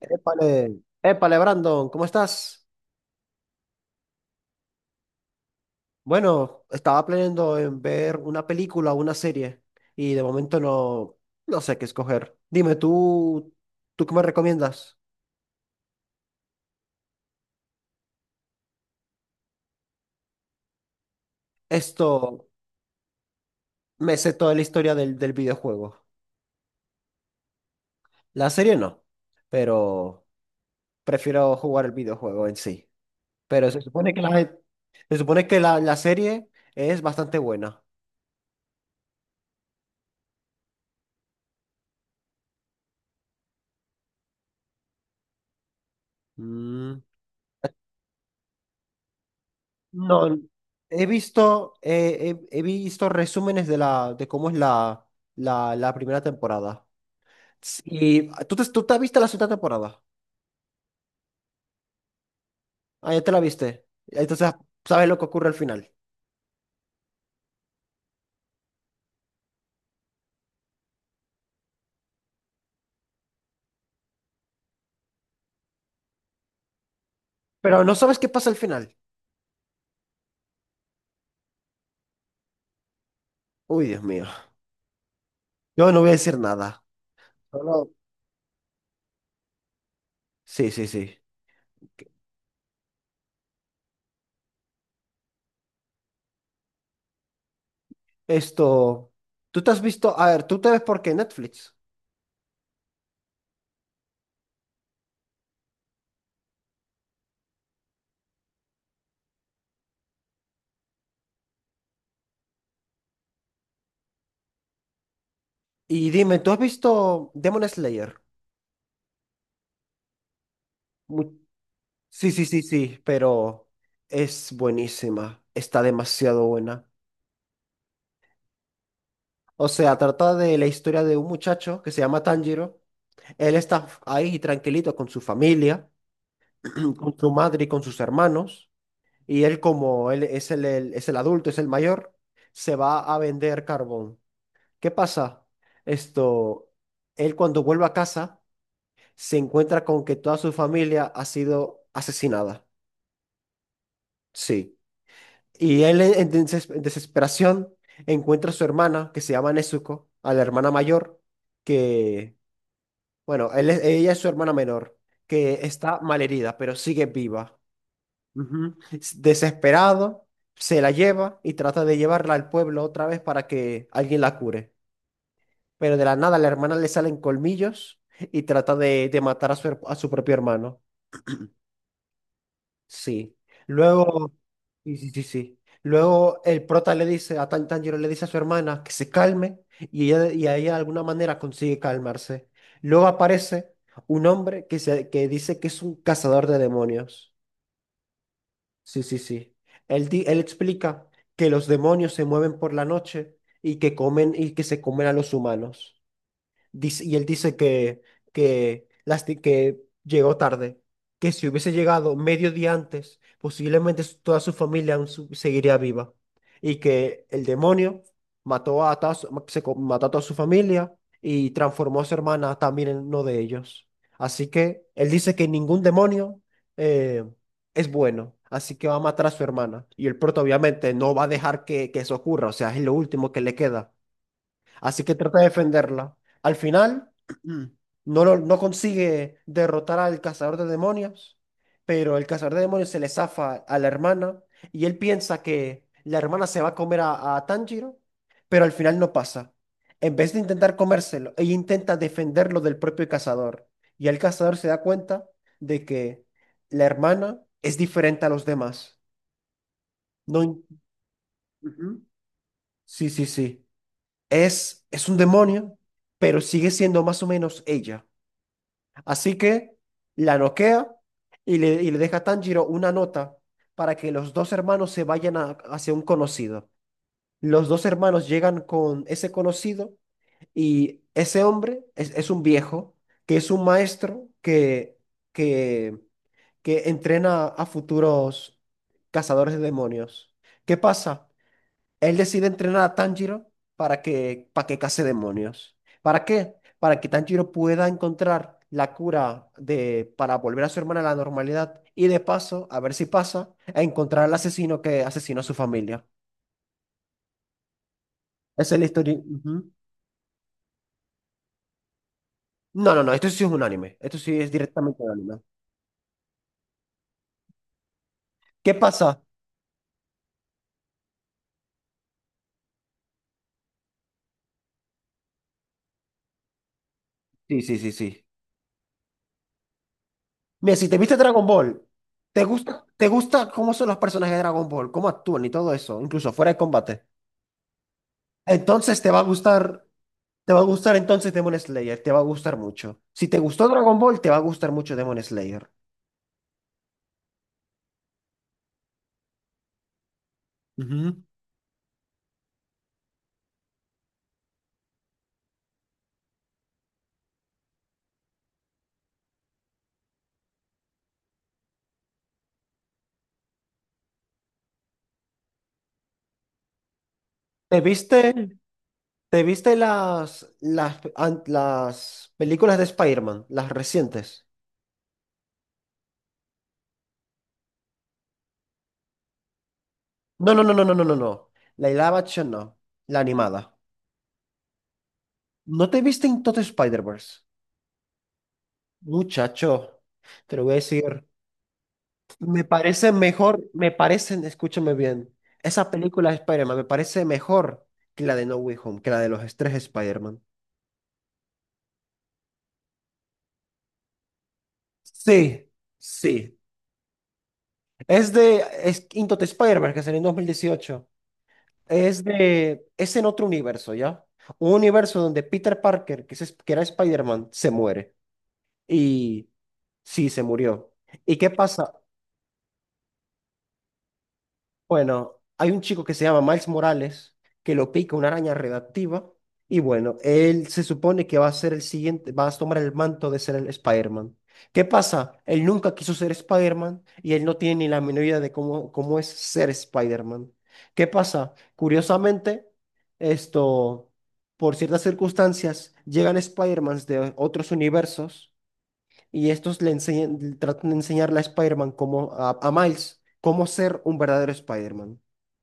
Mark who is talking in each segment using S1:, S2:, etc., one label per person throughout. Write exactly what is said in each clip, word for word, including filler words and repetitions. S1: Épale, épale, Brandon, ¿cómo estás? Bueno, estaba planeando en ver una película o una serie y de momento no, no sé qué escoger. Dime, ¿tú, tú qué me recomiendas? Esto, me sé toda la historia del, del videojuego. La serie no, pero prefiero jugar el videojuego en sí. Pero se supone que la, se supone que la, la serie es bastante buena. Mm. No, he visto, eh, he, he visto resúmenes de la, de cómo es la, la, la primera temporada. S- Y tú te, tú te viste la segunda temporada. Ah, ya te la viste. Entonces sabes lo que ocurre al final. Pero no sabes qué pasa al final. Uy, Dios mío. Yo no voy a decir nada. Solo- Sí, sí, sí. Esto, tú te has visto, a ver, tú te ves por qué Netflix. Y dime, ¿tú has visto Demon Slayer? Sí, sí, sí, sí, pero es buenísima, está demasiado buena. O sea, trata de la historia de un muchacho que se llama Tanjiro. Él está ahí tranquilito con su familia, con su madre y con sus hermanos. Y él, como él es el, el- es el adulto, es el mayor, se va a vender carbón. ¿Qué pasa? Esto, él cuando vuelve a casa se encuentra con que toda su familia ha sido asesinada. Sí. Y él en des- desesperación encuentra a su hermana, que se llama Nezuko, a la hermana mayor, que, bueno, él es- ella es su hermana menor, que está malherida, pero sigue viva. Ujú. S- Desesperado, se la lleva y trata de llevarla al pueblo otra vez para que alguien la cure. Pero de la nada a la hermana le salen colmillos y trata de, de matar a su, her- a su propio hermano. Sí. Luego, sí, sí, sí, sí. Luego el prota le dice, a Tan- Tanjiro le dice a su hermana que se calme y ella, y ella de alguna manera consigue calmarse. Luego aparece un hombre que, se, que dice que es un cazador de demonios. Sí, sí, sí. Él, di- él explica que los demonios se mueven por la noche y que comen y que se comen a los humanos. Dice- y él dice que, que, lasti- que llegó tarde, que si hubiese llegado medio día antes, posiblemente su- toda su familia aún su- seguiría viva. Y que el demonio mató a, toda su- se co- mató a toda su familia y transformó a su hermana también en uno de ellos. Así que él dice que ningún demonio eh, es bueno, así que va a matar a su hermana. Y el prota obviamente no va a dejar que, que eso ocurra, o sea, es lo último que le queda. Así que trata de defenderla. Al final, no, lo- no consigue derrotar al cazador de demonios, pero el cazador de demonios se le zafa a la hermana y él piensa que la hermana se va a comer a, a Tanjiro, pero al final no pasa. En vez de intentar comérselo, ella intenta defenderlo del propio cazador. Y el cazador se da cuenta de que la hermana es diferente a los demás. No, in- Ujú. Sí, sí, sí. Es, es un demonio, pero sigue siendo más o menos ella. Así que la noquea y le, y le deja a Tanjiro una nota para que los dos hermanos se vayan a- hacia un conocido. Los dos hermanos llegan con ese conocido y ese hombre es, es un viejo, que es un maestro que, que, que entrena a futuros cazadores de demonios. ¿Qué pasa? Él decide entrenar a Tanjiro para que, para que case demonios. ¿Para qué? Para que Tanjiro pueda encontrar la cura de, para volver a su hermana a la normalidad y de paso, a ver si pasa, a encontrar al asesino que asesinó a su familia. Esa es la historia. Ujú. No, no, no, esto sí es un anime. Esto sí es directamente un anime. ¿Qué pasa? Sí, sí, sí, sí. Mira, si te viste Dragon Ball, ¿te gusta, te gusta cómo son los personajes de Dragon Ball? ¿Cómo actúan y todo eso? Incluso fuera de combate. Entonces te va a gustar Te va a gustar entonces Demon Slayer, te va a gustar mucho. Si te gustó Dragon Ball, te va a gustar mucho Demon Slayer. Ujú. ¿Te viste, te viste las, las, an- las películas de Spider-Man, las recientes? No, no, no, no, no, no, no, no. La live action no, la animada. ¿No te viste en todo Spider-Verse? Muchacho, te lo voy a decir. Me parece mejor, me parecen, escúchame bien, esa película de Spider-Man me parece mejor que la de No Way Home, que la de los tres Spider-Man. Sí, sí. Es de es Into the Spider-Man, que salió en dos mil dieciocho. Es de, es en otro universo, ¿ya? Un universo donde Peter Parker, que, es- que era Spider-Man, se muere. Y sí, se murió. ¿Y qué pasa? Bueno, hay un chico que se llama Miles Morales que lo pica una araña redactiva y bueno, él se supone que va a ser el siguiente, va a tomar el manto de ser el Spider-Man. ¿Qué pasa? Él nunca quiso ser Spider-Man y él no tiene ni la menor idea de cómo, cómo es ser Spider-Man. ¿Qué pasa? Curiosamente, esto, por ciertas circunstancias, llegan Spider-Mans de otros universos y estos le enseñan, le tratan de enseñarle a Spider-Man cómo, a, a Miles, cómo ser un verdadero Spider-Man.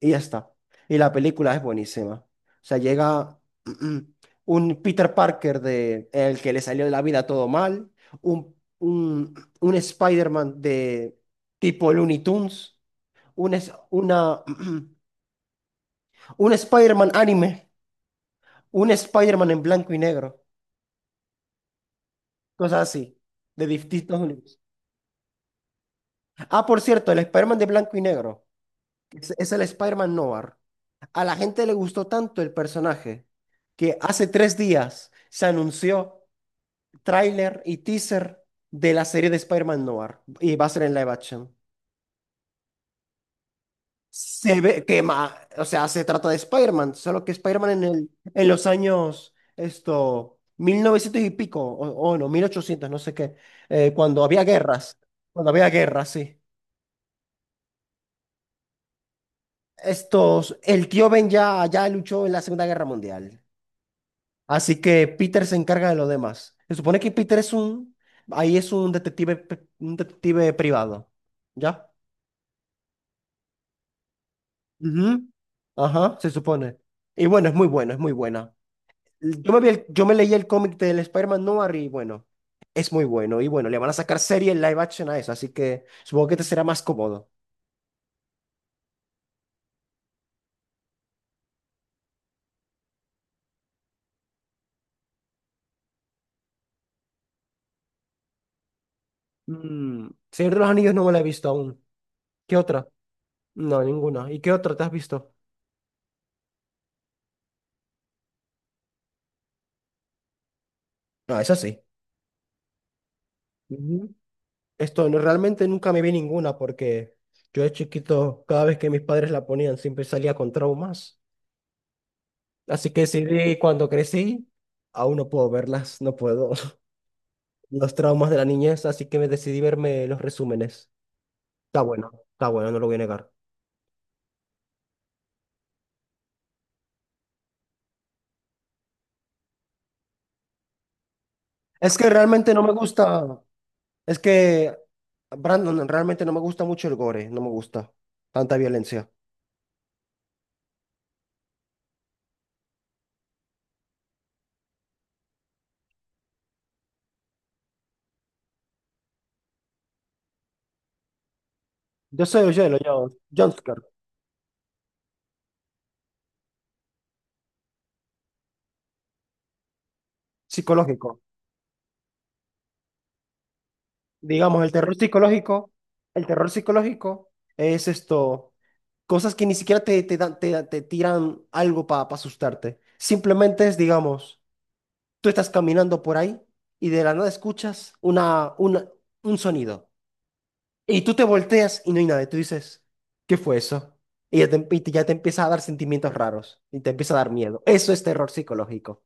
S1: Y ya está. Y la película es buenísima. O sea, llega un Peter Parker de el que le salió de la vida todo mal, un, un, un Spider-Man de tipo Looney Tunes, un, es- una, un Spider-Man anime, un Spider-Man en blanco y negro, cosas así, de distintos universos. Ah, por cierto, el Spider-Man de blanco y negro. Es, es el Spider-Man Noir. A la gente le gustó tanto el personaje que hace tres días se anunció tráiler y teaser de la serie de Spider-Man Noir y va a ser en live action. Se ve que, ma- o sea, se trata de Spider-Man, solo que Spider-Man en el, en los años, esto, mil novecientos y pico, o, o no, mil ochocientos no sé qué, eh, cuando había guerras, cuando había guerras, sí. Estos, el tío Ben ya, ya luchó en la Segunda Guerra Mundial. Así que Peter se encarga de los demás. Se supone que Peter es un, ahí es un detective, pe- un detective privado. ¿Ya? Ujú. Ajá, se supone. Y bueno, es muy bueno, es muy buena. Yo me vi el- yo me leí el cómic del Spider-Man Noir y bueno, es muy bueno. Y bueno, le van a sacar serie en live action a eso, así que supongo que te será más cómodo. Mm, Señor de los Anillos no me la he visto aún. ¿Qué otra? No, ninguna. ¿Y qué otra te has visto? No, esa sí. Ujú. Esto no, realmente nunca me vi ninguna porque yo de chiquito, cada vez que mis padres la ponían, siempre salía con traumas. Así que decidí cuando crecí, aún no puedo verlas, no puedo. Los traumas de la niñez, así que me decidí verme los resúmenes. Está bueno, está bueno, no lo voy a negar. Es que realmente no me gusta, es que, Brandon, realmente no me gusta mucho el gore, no me gusta tanta violencia. Yo soy Oyelo, yo, jumpscare, psicológico. Digamos, el terror psicológico, el terror psicológico es esto, cosas que ni siquiera te, te dan- te, te tiran algo para asustarte. Simplemente es, digamos, tú estás caminando por ahí y de la nada escuchas una, una, un sonido. Y tú te volteas y no hay nadie. Tú dices, ¿qué fue eso? Y ya te, y te- ya te empieza a dar sentimientos raros y te empieza a dar miedo. Eso es terror psicológico.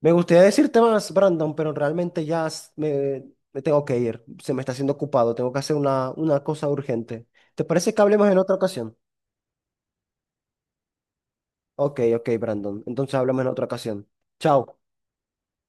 S1: Me gustaría decirte más, Brandon, pero realmente ya s- me, me tengo que ir. Se me está haciendo ocupado. Tengo que hacer una, una cosa urgente. ¿Te parece que hablemos en otra ocasión? Ok, ok, Brandon. Entonces hablamos en otra ocasión. Chao.